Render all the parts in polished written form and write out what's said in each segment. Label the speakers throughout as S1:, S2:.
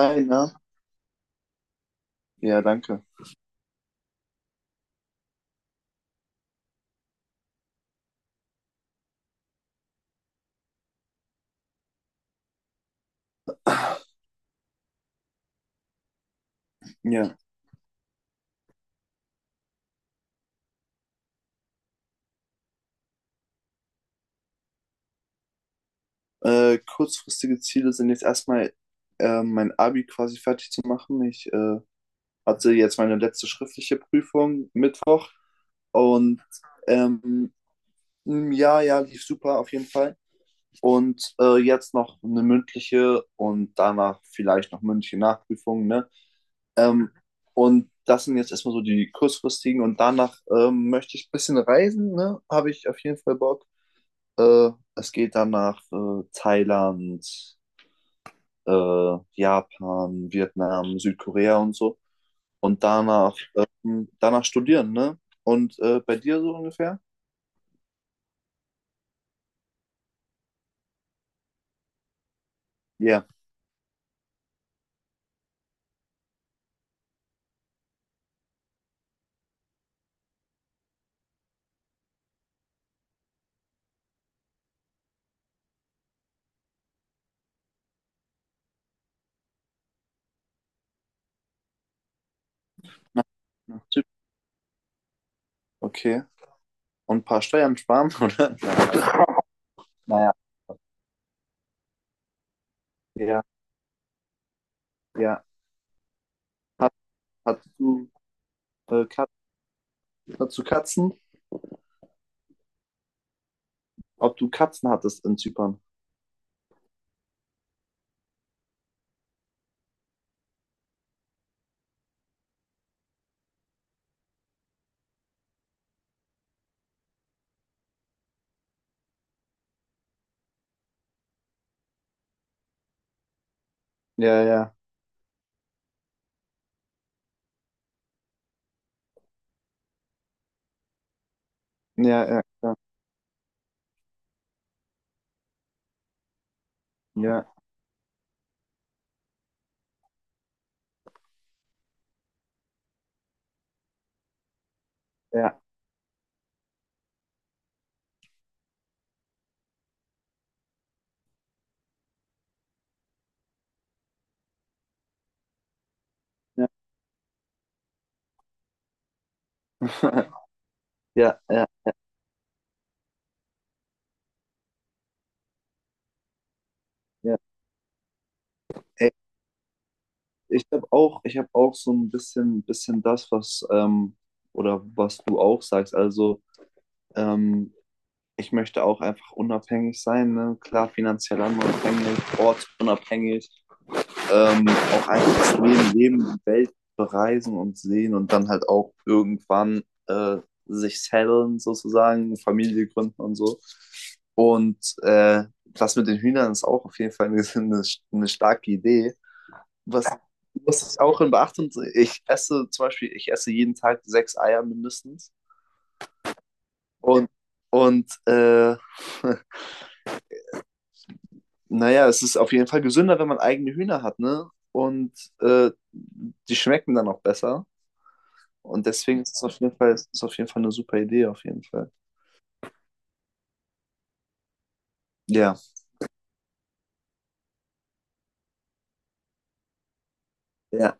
S1: Hi, na? Ja, danke. Ja, Kurzfristige Ziele sind jetzt erstmal mein Abi quasi fertig zu machen. Ich hatte jetzt meine letzte schriftliche Prüfung Mittwoch und ähm, lief super auf jeden Fall. Und jetzt noch eine mündliche und danach vielleicht noch mündliche Nachprüfung, ne? Ähm, und das sind jetzt erstmal so die kurzfristigen, und danach möchte ich ein bisschen reisen, ne? Habe ich auf jeden Fall Bock. Äh, Es geht dann nach Thailand, Japan, Vietnam, Südkorea und so. Und danach studieren, ne? Und bei dir so ungefähr? Ja. Nach Zypern. Okay. Und ein paar Steuern sparen, oder? Naja, ja, ja. Hat, hattest du, äh, Kat Hattest du Katzen? Ob du Katzen hattest in Zypern? Ja, ja, ja, ja, ja, ja, ja, ja, ja, ja. Ja. Ich habe auch so ein bisschen das, was oder was du auch sagst. Also ähm, ich möchte auch einfach unabhängig sein, ne? Klar, finanziell unabhängig, ortsunabhängig, auch einfach das Leben, leben, die Welt bereisen und sehen und dann halt auch irgendwann äh, sich settlen sozusagen, Familie gründen und so. Und das mit den Hühnern ist auch auf jeden Fall eine, eine starke Idee. Was, muss ich auch in Beachtung, ich esse zum Beispiel, ich esse jeden Tag sechs Eier mindestens. Und, und naja, es ist auf jeden Fall gesünder, wenn man eigene Hühner hat, ne? Und die schmecken dann auch besser. Und deswegen ist es auf jeden Fall eine super Idee, auf jeden Fall. Ja, ja.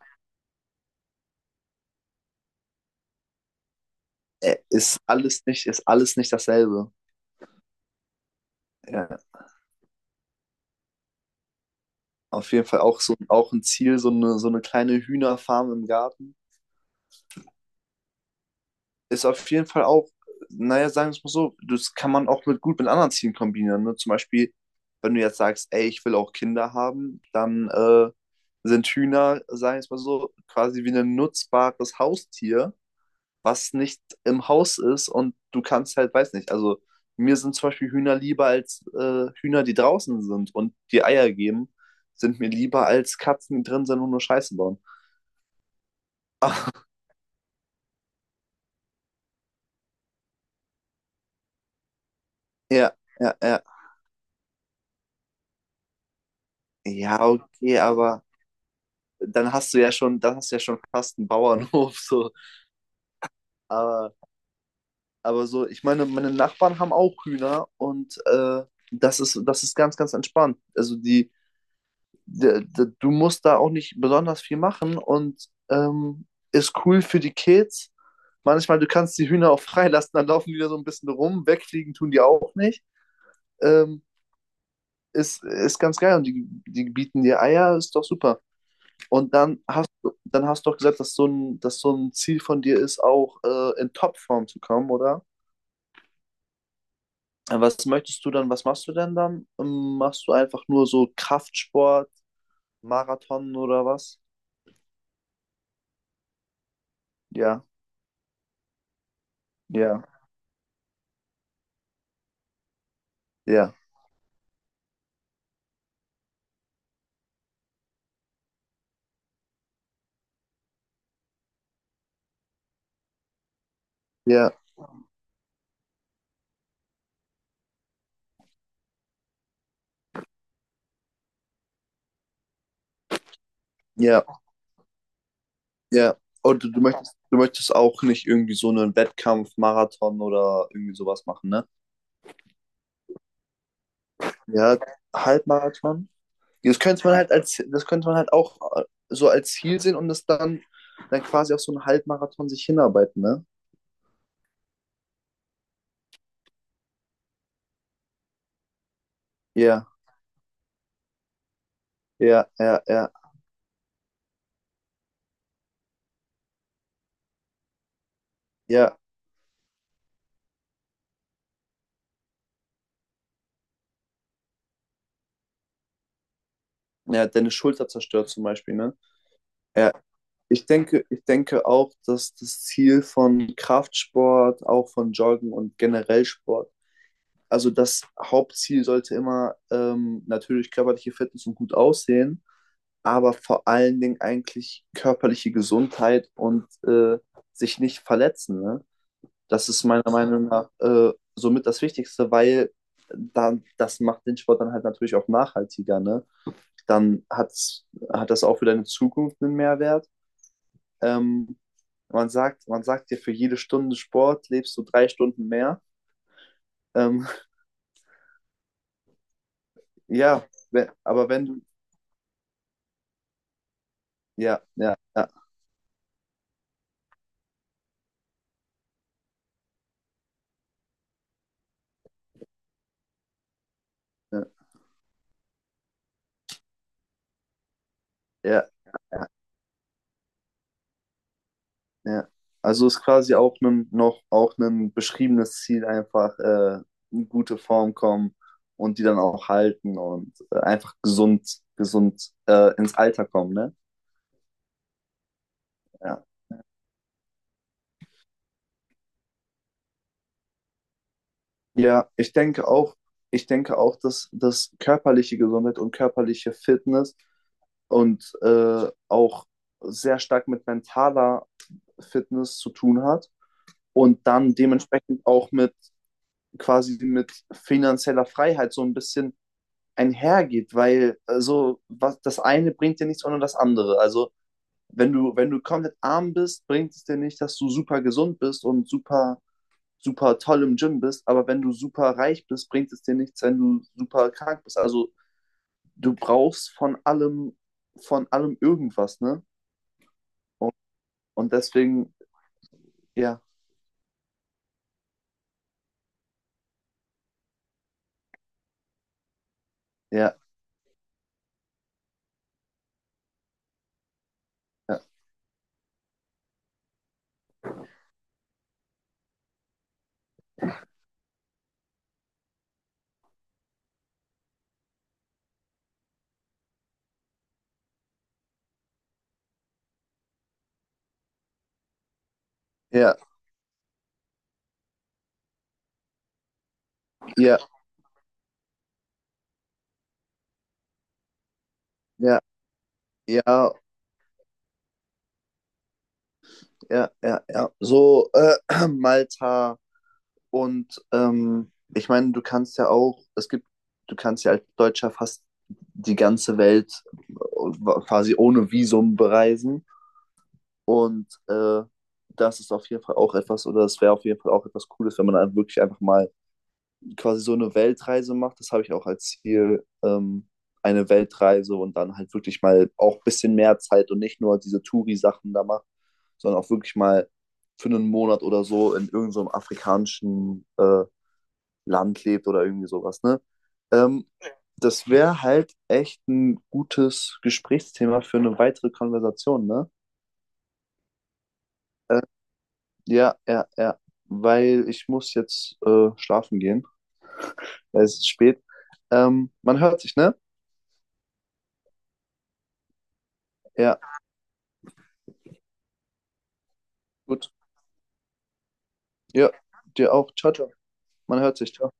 S1: Ist alles nicht dasselbe. Ja. Auf jeden Fall auch so auch ein Ziel, so eine kleine Hühnerfarm im Garten. Ist auf jeden Fall auch, naja, sagen wir es mal so, das kann man auch mit, gut mit anderen Zielen kombinieren. Ne? Zum Beispiel, wenn du jetzt sagst, ey, ich will auch Kinder haben, dann sind Hühner, sagen wir es mal so, quasi wie ein nutzbares Haustier, was nicht im Haus ist, und du kannst halt, weiß nicht, also mir sind zum Beispiel Hühner lieber als Hühner, die draußen sind und die Eier geben, sind mir lieber als Katzen, die drin sind und nur Scheiße bauen. Ja, ja, ja. Ja, okay, aber dann hast du ja schon fast einen Bauernhof, so. Aber, aber so, ich meine, meine Nachbarn haben auch Hühner, und das ist ganz, ganz entspannt. Also du musst da auch nicht besonders viel machen, und ist cool für die Kids. Manchmal, du kannst die Hühner auch freilassen, dann laufen die da so ein bisschen rum, wegfliegen tun die auch nicht. Ähm, ist ganz geil, und die bieten dir Eier, ist doch super. Und dann dann hast du doch gesagt, dass so ein Ziel von dir ist, auch in Topform zu kommen, oder? Was machst du denn dann? Machst du einfach nur so Kraftsport, Marathon oder was? Ja, ja, ja, ja, ja, ja. Und du möchtest auch nicht irgendwie so einen Wettkampf, Marathon oder irgendwie sowas machen, ne? Ja, Halbmarathon? Das könnte man halt als, das könnte man halt auch so als Ziel sehen, und dann quasi auf so einen Halbmarathon sich hinarbeiten, ne? Ja, ja, ja, ja, ja. Ja, deine Schulter zerstört zum Beispiel, ne? Ja. Ich denke auch, dass das Ziel von Kraftsport, auch von Joggen und generell Sport, also das Hauptziel sollte immer natürlich körperliche Fitness und gut aussehen, aber vor allen Dingen eigentlich körperliche Gesundheit und sich nicht verletzen, ne? Das ist meiner Meinung nach somit das Wichtigste, weil das macht den Sport dann halt natürlich auch nachhaltiger, ne? Dann hat's, hat das auch für deine Zukunft einen Mehrwert. Ähm, man sagt dir, für jede Stunde Sport lebst du 3 Stunden mehr. Ähm, ja, wenn, aber wenn du, ja, ja, ja, ja, ja. Ja. Also ist quasi auch noch auch ein beschriebenes Ziel, einfach in gute Form kommen und die dann auch halten, und einfach gesund, gesund ins Alter kommen, ne? Ja. Ja, ich denke auch, ich denke auch, dass körperliche Gesundheit und körperliche Fitness und auch sehr stark mit mentaler Fitness zu tun hat und dann dementsprechend auch mit quasi mit finanzieller Freiheit so ein bisschen einhergeht, weil also, was, das eine bringt dir nichts ohne das andere. Also wenn du komplett arm bist, bringt es dir nicht, dass du super gesund bist und super toll im Gym bist, aber wenn du super reich bist, bringt es dir nichts, wenn du super krank bist. Also du brauchst von allem irgendwas, ne? Und, und deswegen, ja, ja, ja, ja, ja, ja, ja, ja, ja, ja. So, Malta. Und ich meine, du kannst ja auch, es gibt, du kannst ja als Deutscher fast die ganze Welt quasi ohne Visum bereisen. Und das ist auf jeden Fall auch etwas, oder das wäre auf jeden Fall auch etwas Cooles, wenn man dann wirklich einfach mal quasi so eine Weltreise macht. Das habe ich auch als Ziel, eine Weltreise, und dann halt wirklich mal auch ein bisschen mehr Zeit und nicht nur diese Touri-Sachen da macht, sondern auch wirklich mal für einen Monat oder so in irgendeinem afrikanischen Land lebt oder irgendwie sowas, ne? Ähm, Das wäre halt echt ein gutes Gesprächsthema für eine weitere Konversation, ne? Äh, ja, ja, ja, weil ich muss jetzt schlafen gehen. Es ist spät. Man hört sich, ne? Ja, gut. Ja, dir auch. Ciao, ciao. Man hört sich. Ciao.